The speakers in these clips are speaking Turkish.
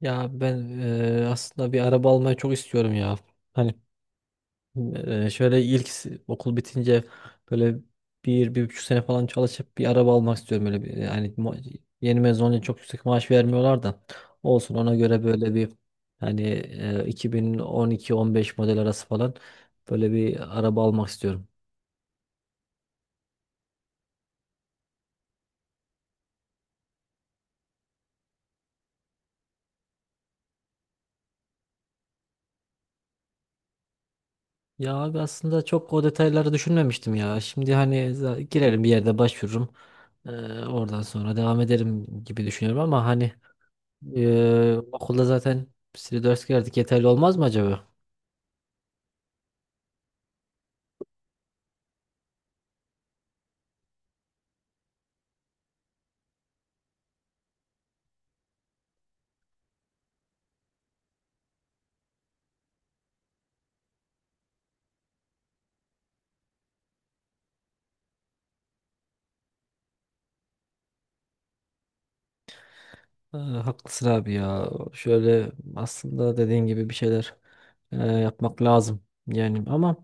Ya ben aslında bir araba almayı çok istiyorum ya. Hani şöyle okul bitince böyle bir, bir buçuk sene falan çalışıp bir araba almak istiyorum. Böyle bir, yani yeni mezun olunca çok yüksek maaş vermiyorlar da olsun ona göre böyle bir hani 2012-15 model arası falan böyle bir araba almak istiyorum. Ya abi aslında çok o detayları düşünmemiştim ya. Şimdi hani girerim bir yerde başvururum. Eee, Oradan sonra devam ederim gibi düşünüyorum ama hani. Okulda zaten bir ders gördük. Yeterli olmaz mı acaba? Ha, haklısın abi ya. Şöyle aslında dediğin gibi bir şeyler yapmak lazım. Yani ama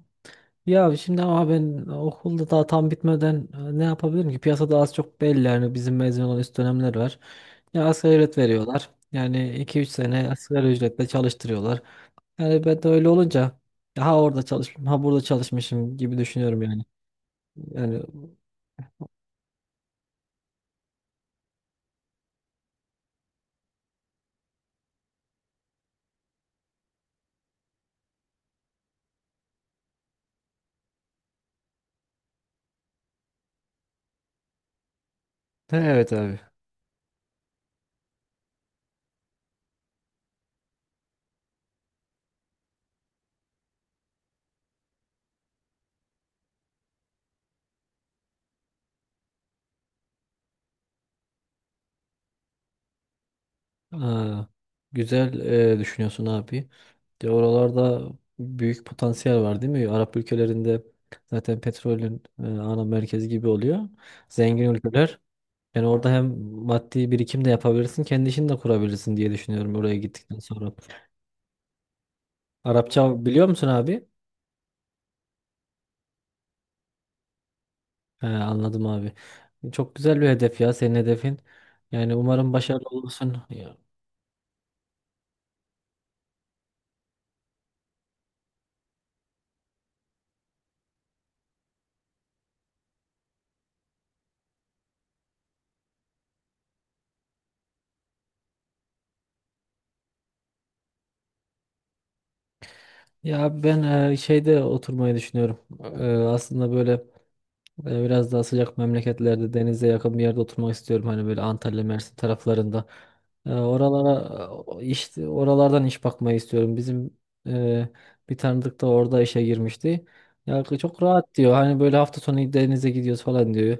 ya şimdi ama ben okulda daha tam bitmeden ne yapabilirim ki? Piyasada az çok belli yani bizim mezun olan üst dönemler var. Ya asgari ücret veriyorlar. Yani iki üç sene asgari ücretle çalıştırıyorlar. Yani ben de öyle olunca ya ha orada çalışmışım, ha burada çalışmışım gibi düşünüyorum yani. Yani evet abi. Ha, güzel düşünüyorsun abi. De oralarda büyük potansiyel var değil mi? Arap ülkelerinde zaten petrolün ana merkezi gibi oluyor. Zengin ülkeler. Yani orada hem maddi birikim de yapabilirsin, kendi işini de kurabilirsin diye düşünüyorum oraya gittikten sonra. Arapça biliyor musun abi? He, anladım abi. Çok güzel bir hedef ya senin hedefin. Yani umarım başarılı olursun. Ya, ya ben şeyde oturmayı düşünüyorum. Aslında böyle böyle biraz daha sıcak memleketlerde denize yakın bir yerde oturmak istiyorum. Hani böyle Antalya, Mersin taraflarında. Oralara işte oralardan iş bakmayı istiyorum. Bizim e, bir tanıdık da orada işe girmişti. Ya çok rahat diyor. Hani böyle hafta sonu denize gidiyoruz falan diyor.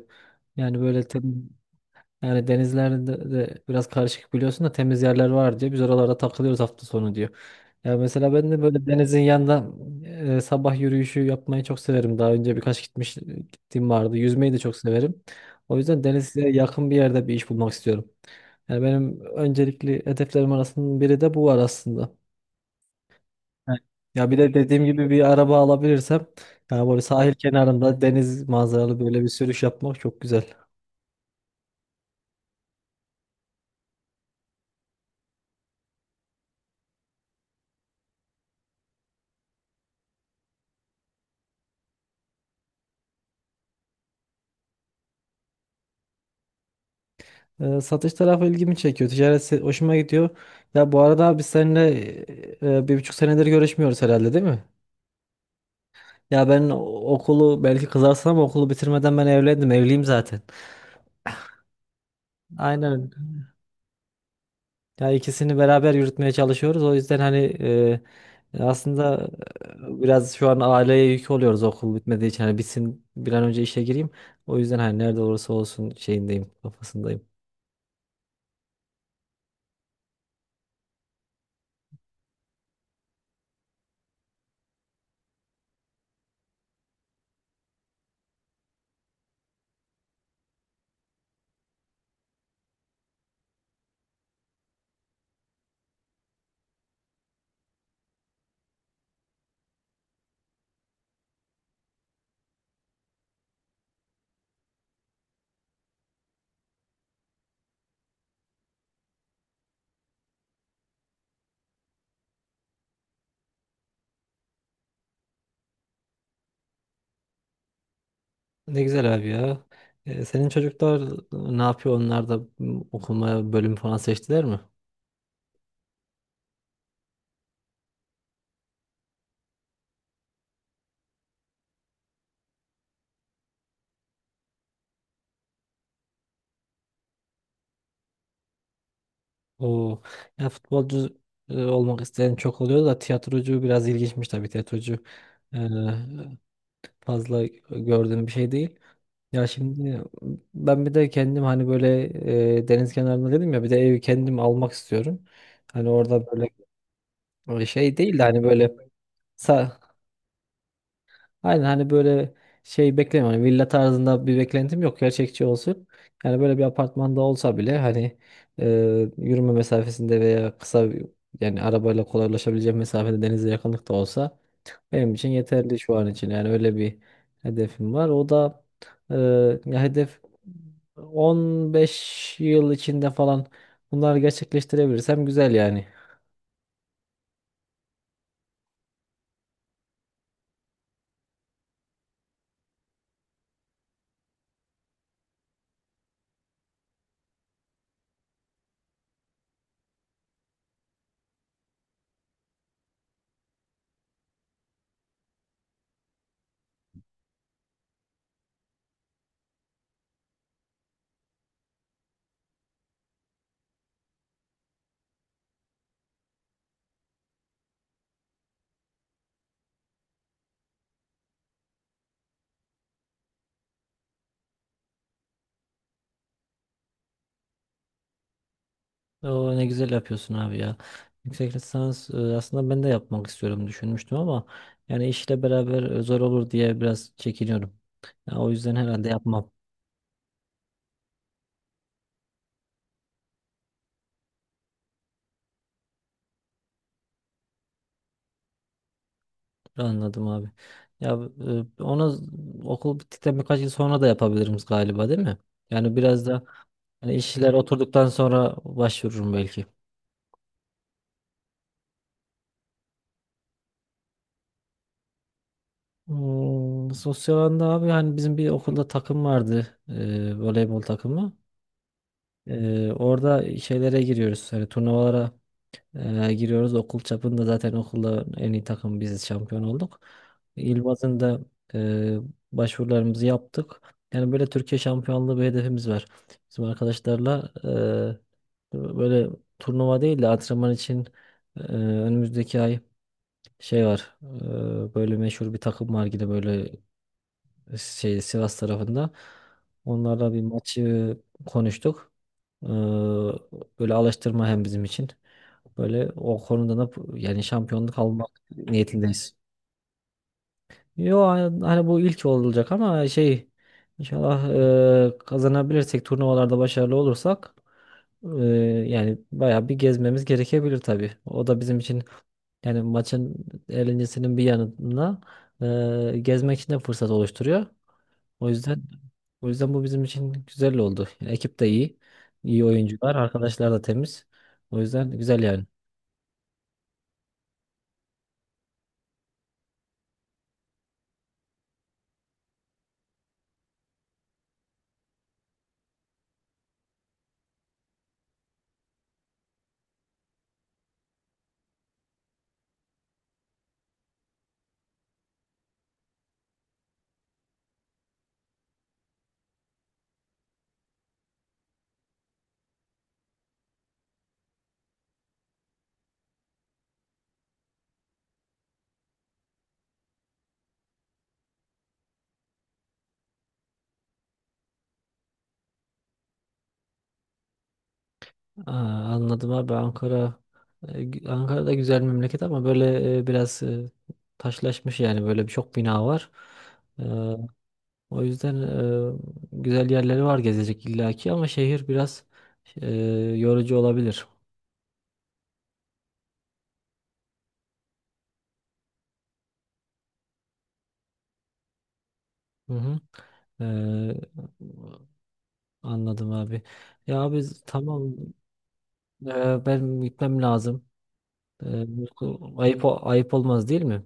Yani böyle yani denizlerde de biraz karışık biliyorsun da temiz yerler var diyor. Biz oralarda takılıyoruz hafta sonu diyor. Ya mesela ben de böyle denizin yanında sabah yürüyüşü yapmayı çok severim. Daha önce birkaç gittiğim vardı. Yüzmeyi de çok severim. O yüzden denize yakın bir yerde bir iş bulmak istiyorum. Yani benim öncelikli hedeflerim arasında biri de bu var aslında. Evet. Ya bir de dediğim gibi bir araba alabilirsem yani böyle sahil kenarında deniz manzaralı böyle bir sürüş yapmak çok güzel. Satış tarafı ilgimi çekiyor. Ticaret hoşuma gidiyor. Ya bu arada abi biz seninle bir buçuk senedir görüşmüyoruz herhalde değil mi? Ya ben okulu belki kızarsın ama okulu bitirmeden ben evlendim. Evliyim zaten. Aynen. Ya ikisini beraber yürütmeye çalışıyoruz. O yüzden hani aslında biraz şu an aileye yük oluyoruz okul bitmediği için. Hani bitsin bir an önce işe gireyim. O yüzden hani nerede olursa olsun şeyindeyim, kafasındayım. Ne güzel abi ya. Senin çocuklar ne yapıyor? Onlar da okuma bölüm falan seçtiler mi? O ya futbolcu olmak isteyen çok oluyor da tiyatrocu biraz ilginçmiş tabii. Tiyatrocu e, fazla gördüğüm bir şey değil. Ya şimdi ben bir de kendim hani böyle deniz kenarında dedim ya bir de evi kendim almak istiyorum. Hani orada böyle şey değil de hani böyle Sa- Aynen hani böyle şey beklemiyorum. Hani villa tarzında bir beklentim yok. Gerçekçi olsun. Yani böyle bir apartmanda olsa bile hani e, yürüme mesafesinde veya yani arabayla kolaylaşabileceğim mesafede denize yakınlıkta olsa benim için yeterli şu an için. Yani öyle bir hedefim var. O da e, ya hedef 15 yıl içinde falan bunları gerçekleştirebilirsem güzel yani. O ne güzel yapıyorsun abi ya. Yüksek lisans aslında ben de yapmak istiyorum düşünmüştüm ama yani işle beraber zor olur diye biraz çekiniyorum. Ya o yüzden herhalde yapmam. Anladım abi. Ya onu okul bittikten birkaç yıl sonra da yapabilirim galiba değil mi? Yani biraz da hani işler oturduktan sonra başvururum belki. Sosyal alanda abi hani bizim bir okulda takım vardı. Voleybol takımı. Orada şeylere giriyoruz. Hani turnuvalara. Giriyoruz okul çapında, zaten okulda en iyi takım biziz, şampiyon olduk. İl bazında e, başvurularımızı yaptık. Yani böyle Türkiye şampiyonluğu bir hedefimiz var. Bizim arkadaşlarla böyle turnuva değil de antrenman için önümüzdeki ay şey var. Böyle meşhur bir takım var yine böyle şey Sivas tarafında. Onlarla bir maçı konuştuk. E, Böyle alıştırma hem bizim için. Böyle o konuda da yani şampiyonluk almak niyetindeyiz. Yo hani bu ilk olacak ama şey inşallah kazanabilirsek turnuvalarda başarılı olursak e, yani bayağı bir gezmemiz gerekebilir tabii. O da bizim için yani maçın eğlencesinin bir yanında gezmek için de fırsat oluşturuyor. O yüzden o yüzden bu bizim için güzel oldu. Yani ekip de iyi. İyi oyuncular, arkadaşlar da temiz. O yüzden güzel yani. Aa, anladım abi. Ankara Ankara'da güzel memleket ama böyle biraz taşlaşmış yani böyle çok bina var. Ee, O yüzden e, güzel yerleri var gezecek illaki ama şehir biraz e, yorucu olabilir. Hı hı. Ee, Anladım abi. Ya abi tamam ben gitmem lazım. Ee, Ayıp ayıp olmaz değil mi?